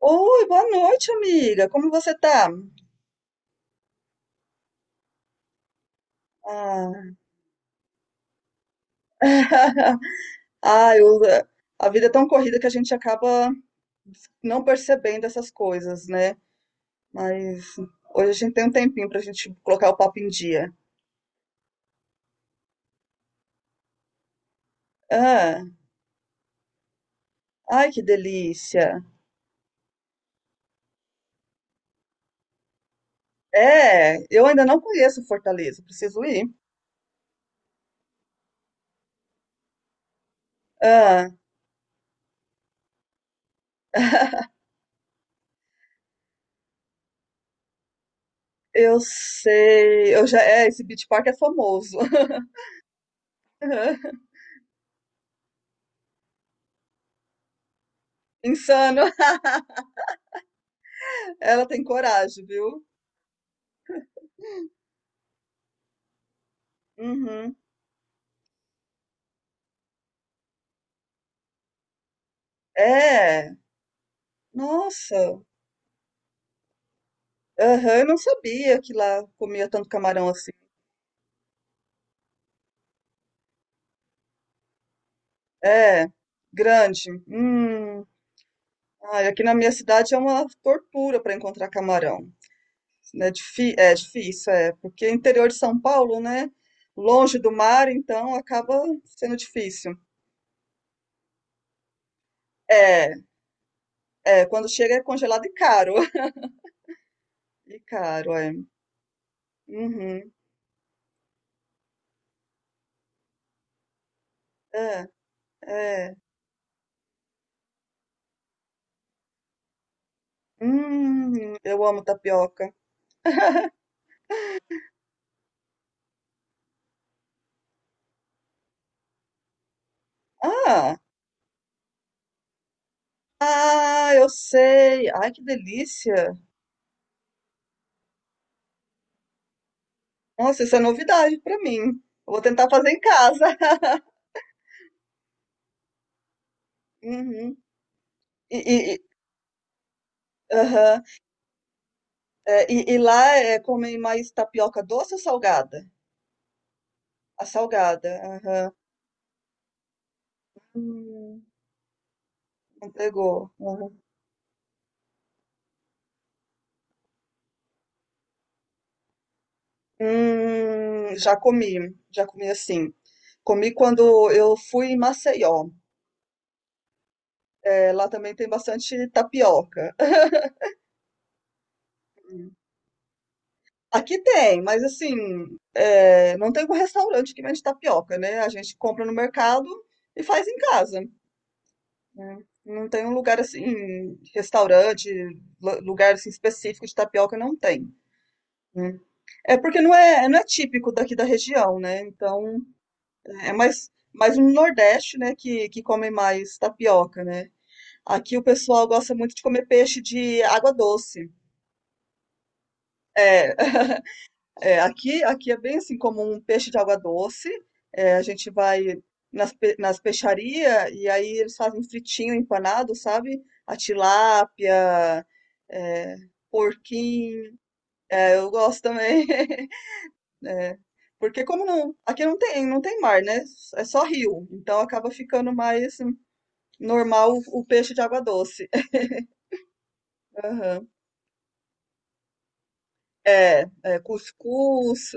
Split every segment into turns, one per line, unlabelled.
Oi, boa noite, amiga. Como você tá? Ah, ah, eu- a vida é tão corrida que a gente acaba não percebendo essas coisas, né? Mas hoje a gente tem um tempinho pra gente colocar o papo em dia. Ah, ai, que delícia. É, eu ainda não conheço Fortaleza, preciso ir. Ah, eu sei, esse Beach Park é famoso. Insano. Ela tem coragem, viu? Uhum. É. Nossa. Aham, eu não sabia que lá comia tanto camarão assim. É, grande. Hum. Ai, aqui na minha cidade é uma tortura para encontrar camarão. Né? É, difícil, é, porque interior de São Paulo, né? Longe do mar, então acaba sendo difícil. É, é, quando chega é congelado e caro. E caro, é. Uhum. É, é. Eu amo tapioca. Ah, ah, eu sei. Ai, que delícia. Nossa, isso é novidade pra mim. Eu vou tentar fazer em casa. Uhum. E e e aham. E lá, comem mais tapioca doce ou salgada? A salgada, aham. Hum, não pegou. Aham. Já comi, já comi assim. Comi quando eu fui em Maceió. Lá também tem bastante tapioca. Hum. Aqui tem, mas assim, não tem um restaurante que vende tapioca, né, a gente compra no mercado e faz em casa. Né? Não tem um lugar assim, restaurante, lugar assim, específico de tapioca, não tem. Né? É porque não é típico daqui da região, né? Então, é mais no Nordeste, né, que come mais tapioca, né? Aqui o pessoal gosta muito de comer peixe de água doce. É, É, aqui é bem assim como um peixe de água doce. É, a gente vai nas peixarias e aí eles fazem fritinho empanado, sabe? A tilápia, é, porquinho. É, eu gosto também. É, porque como não, aqui não tem mar, né? É só rio. Então acaba ficando mais normal o peixe de água doce. Aham. É, é, cuscuz,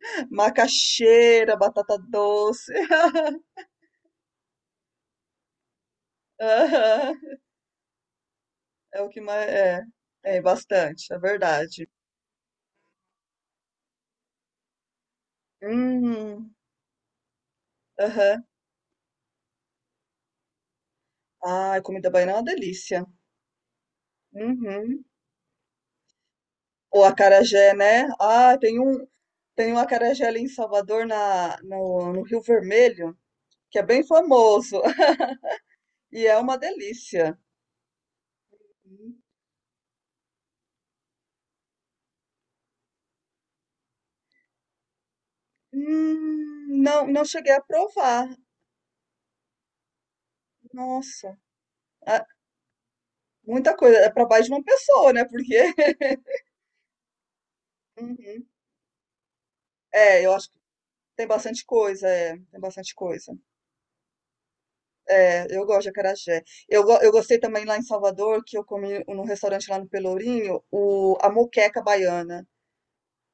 macaxeira, batata doce. Aham. É o que mais. É, é bastante, é verdade. Hum, aham. Ah, comida baiana é uma delícia. Uhum. O acarajé, né? Ah, tem um acarajé ali em Salvador, na, no, no Rio Vermelho, que é bem famoso. E é uma delícia. Não, não cheguei a provar. Nossa, ah, muita coisa. É para mais de uma pessoa, né? Porque. Uhum. É, eu acho que tem bastante coisa, é, tem bastante coisa. É, eu gosto de acarajé. Eu gostei também lá em Salvador, que eu comi num restaurante lá no Pelourinho, a moqueca baiana.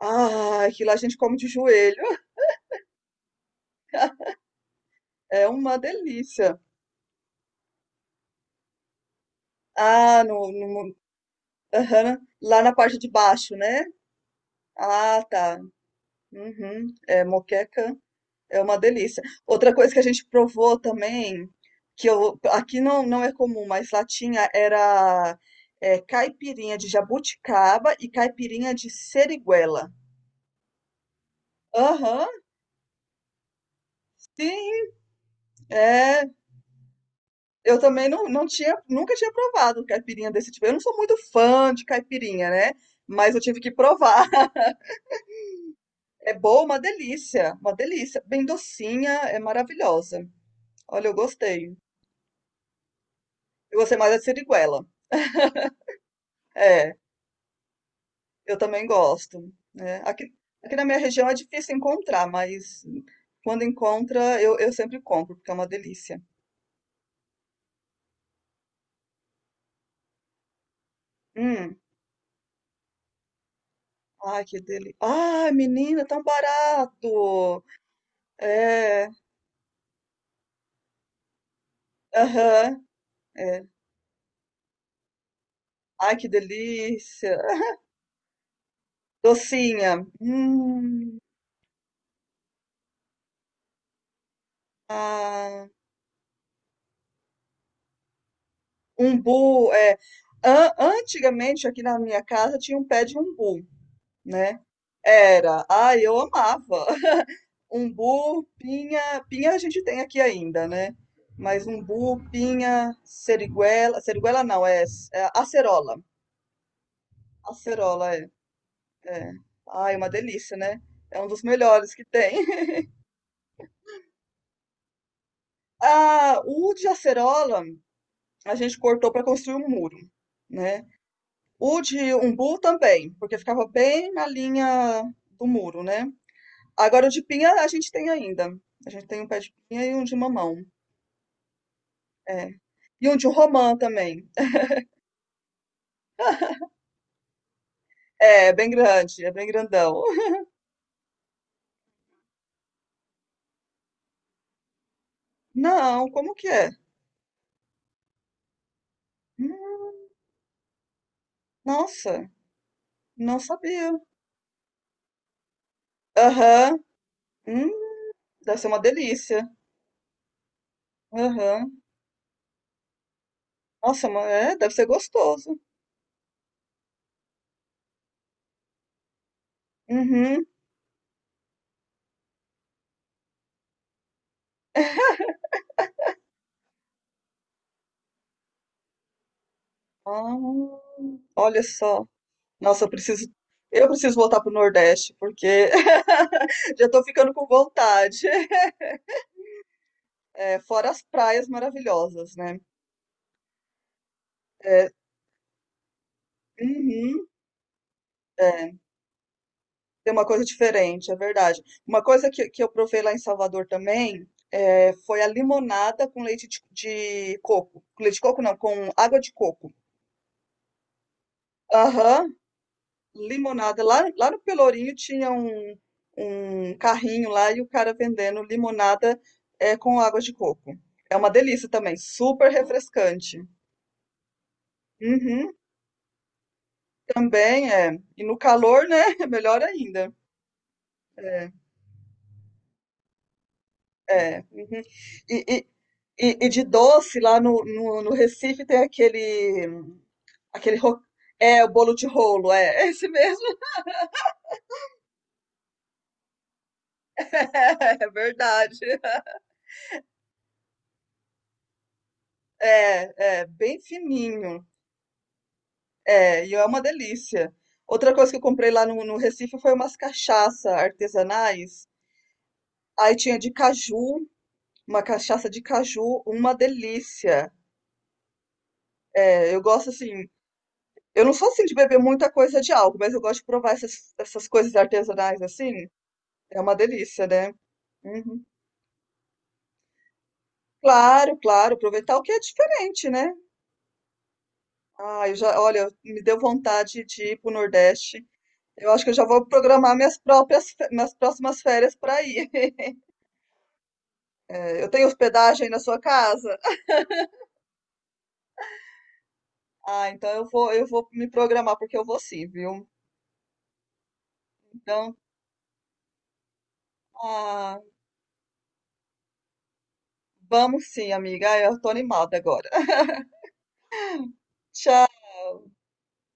Ah, aquilo a gente come de joelho. É uma delícia. Ah, aham, lá na parte de baixo, né? Ah, tá. Uhum. É, moqueca é uma delícia. Outra coisa que a gente provou também, aqui não é comum, mas lá tinha, era caipirinha de jabuticaba e caipirinha de seriguela. Aham, sim. É, eu também não tinha, nunca tinha provado um caipirinha desse tipo. Eu não sou muito fã de caipirinha, né? Mas eu tive que provar. É boa, uma delícia, uma delícia. Bem docinha, é maravilhosa. Olha, eu gostei. Eu gostei mais da siriguela. É, eu também gosto. Né? Aqui na minha região é difícil encontrar, mas quando encontra, eu sempre compro, porque é uma delícia. Hum, Ai, que delícia. Ai, menina, é tão barato. É. Aham, é. Ai, que delícia. Docinha. Ah, umbu, é. Antigamente, aqui na minha casa, tinha um pé de umbu, né? Era. Ai, eu amava. Umbu, pinha. Pinha a gente tem aqui ainda, né? Mas umbu, pinha, seriguela. Seriguela não, é acerola. Acerola, é, é. Ai, uma delícia, né? É um dos melhores que tem. Ah, o de acerola. A gente cortou para construir um muro, né? O de umbu também, porque ficava bem na linha do muro, né? Agora o de pinha a gente tem ainda. A gente tem um pé de pinha e um de mamão. É. E um de romã também. É, bem grande, é bem grandão. Não, como que é? Hum, Nossa, não sabia. Aham, hum, deve ser uma delícia. Aham. Nossa, mas deve ser gostoso. Uhum. Ah, olha só. Nossa, eu preciso voltar pro Nordeste, porque já tô ficando com vontade. É, fora as praias maravilhosas, né? É, uhum, é, tem uma coisa diferente, é verdade. Uma coisa que eu provei lá em Salvador também foi a limonada com leite de coco. Com leite de coco não, com água de coco. Aham, limonada. Lá no Pelourinho tinha um carrinho lá e o cara vendendo limonada com água de coco. É uma delícia também, super refrescante. Uhum, também é. E no calor, né? É melhor ainda. É. É. Uhum. E, e, e de doce, lá no Recife tem aquele. É, o bolo de rolo, é. É esse mesmo. É, verdade. É, é, bem fininho. É, e é uma delícia. Outra coisa que eu comprei lá no Recife foi umas cachaça artesanais. Aí tinha de caju, uma cachaça de caju, uma delícia. É, eu gosto assim, eu não sou assim de beber muita coisa de álcool, mas eu gosto de provar essas coisas artesanais assim. É uma delícia, né? Uhum. Claro, claro, aproveitar o que é diferente, né? Ah, olha, me deu vontade de ir pro Nordeste. Eu acho que eu já vou programar minhas próximas férias para ir. É, eu tenho hospedagem aí na sua casa? Ah, então eu vou, me programar porque eu vou sim, viu? Então, ah, vamos sim, amiga. Ah, eu tô animada agora.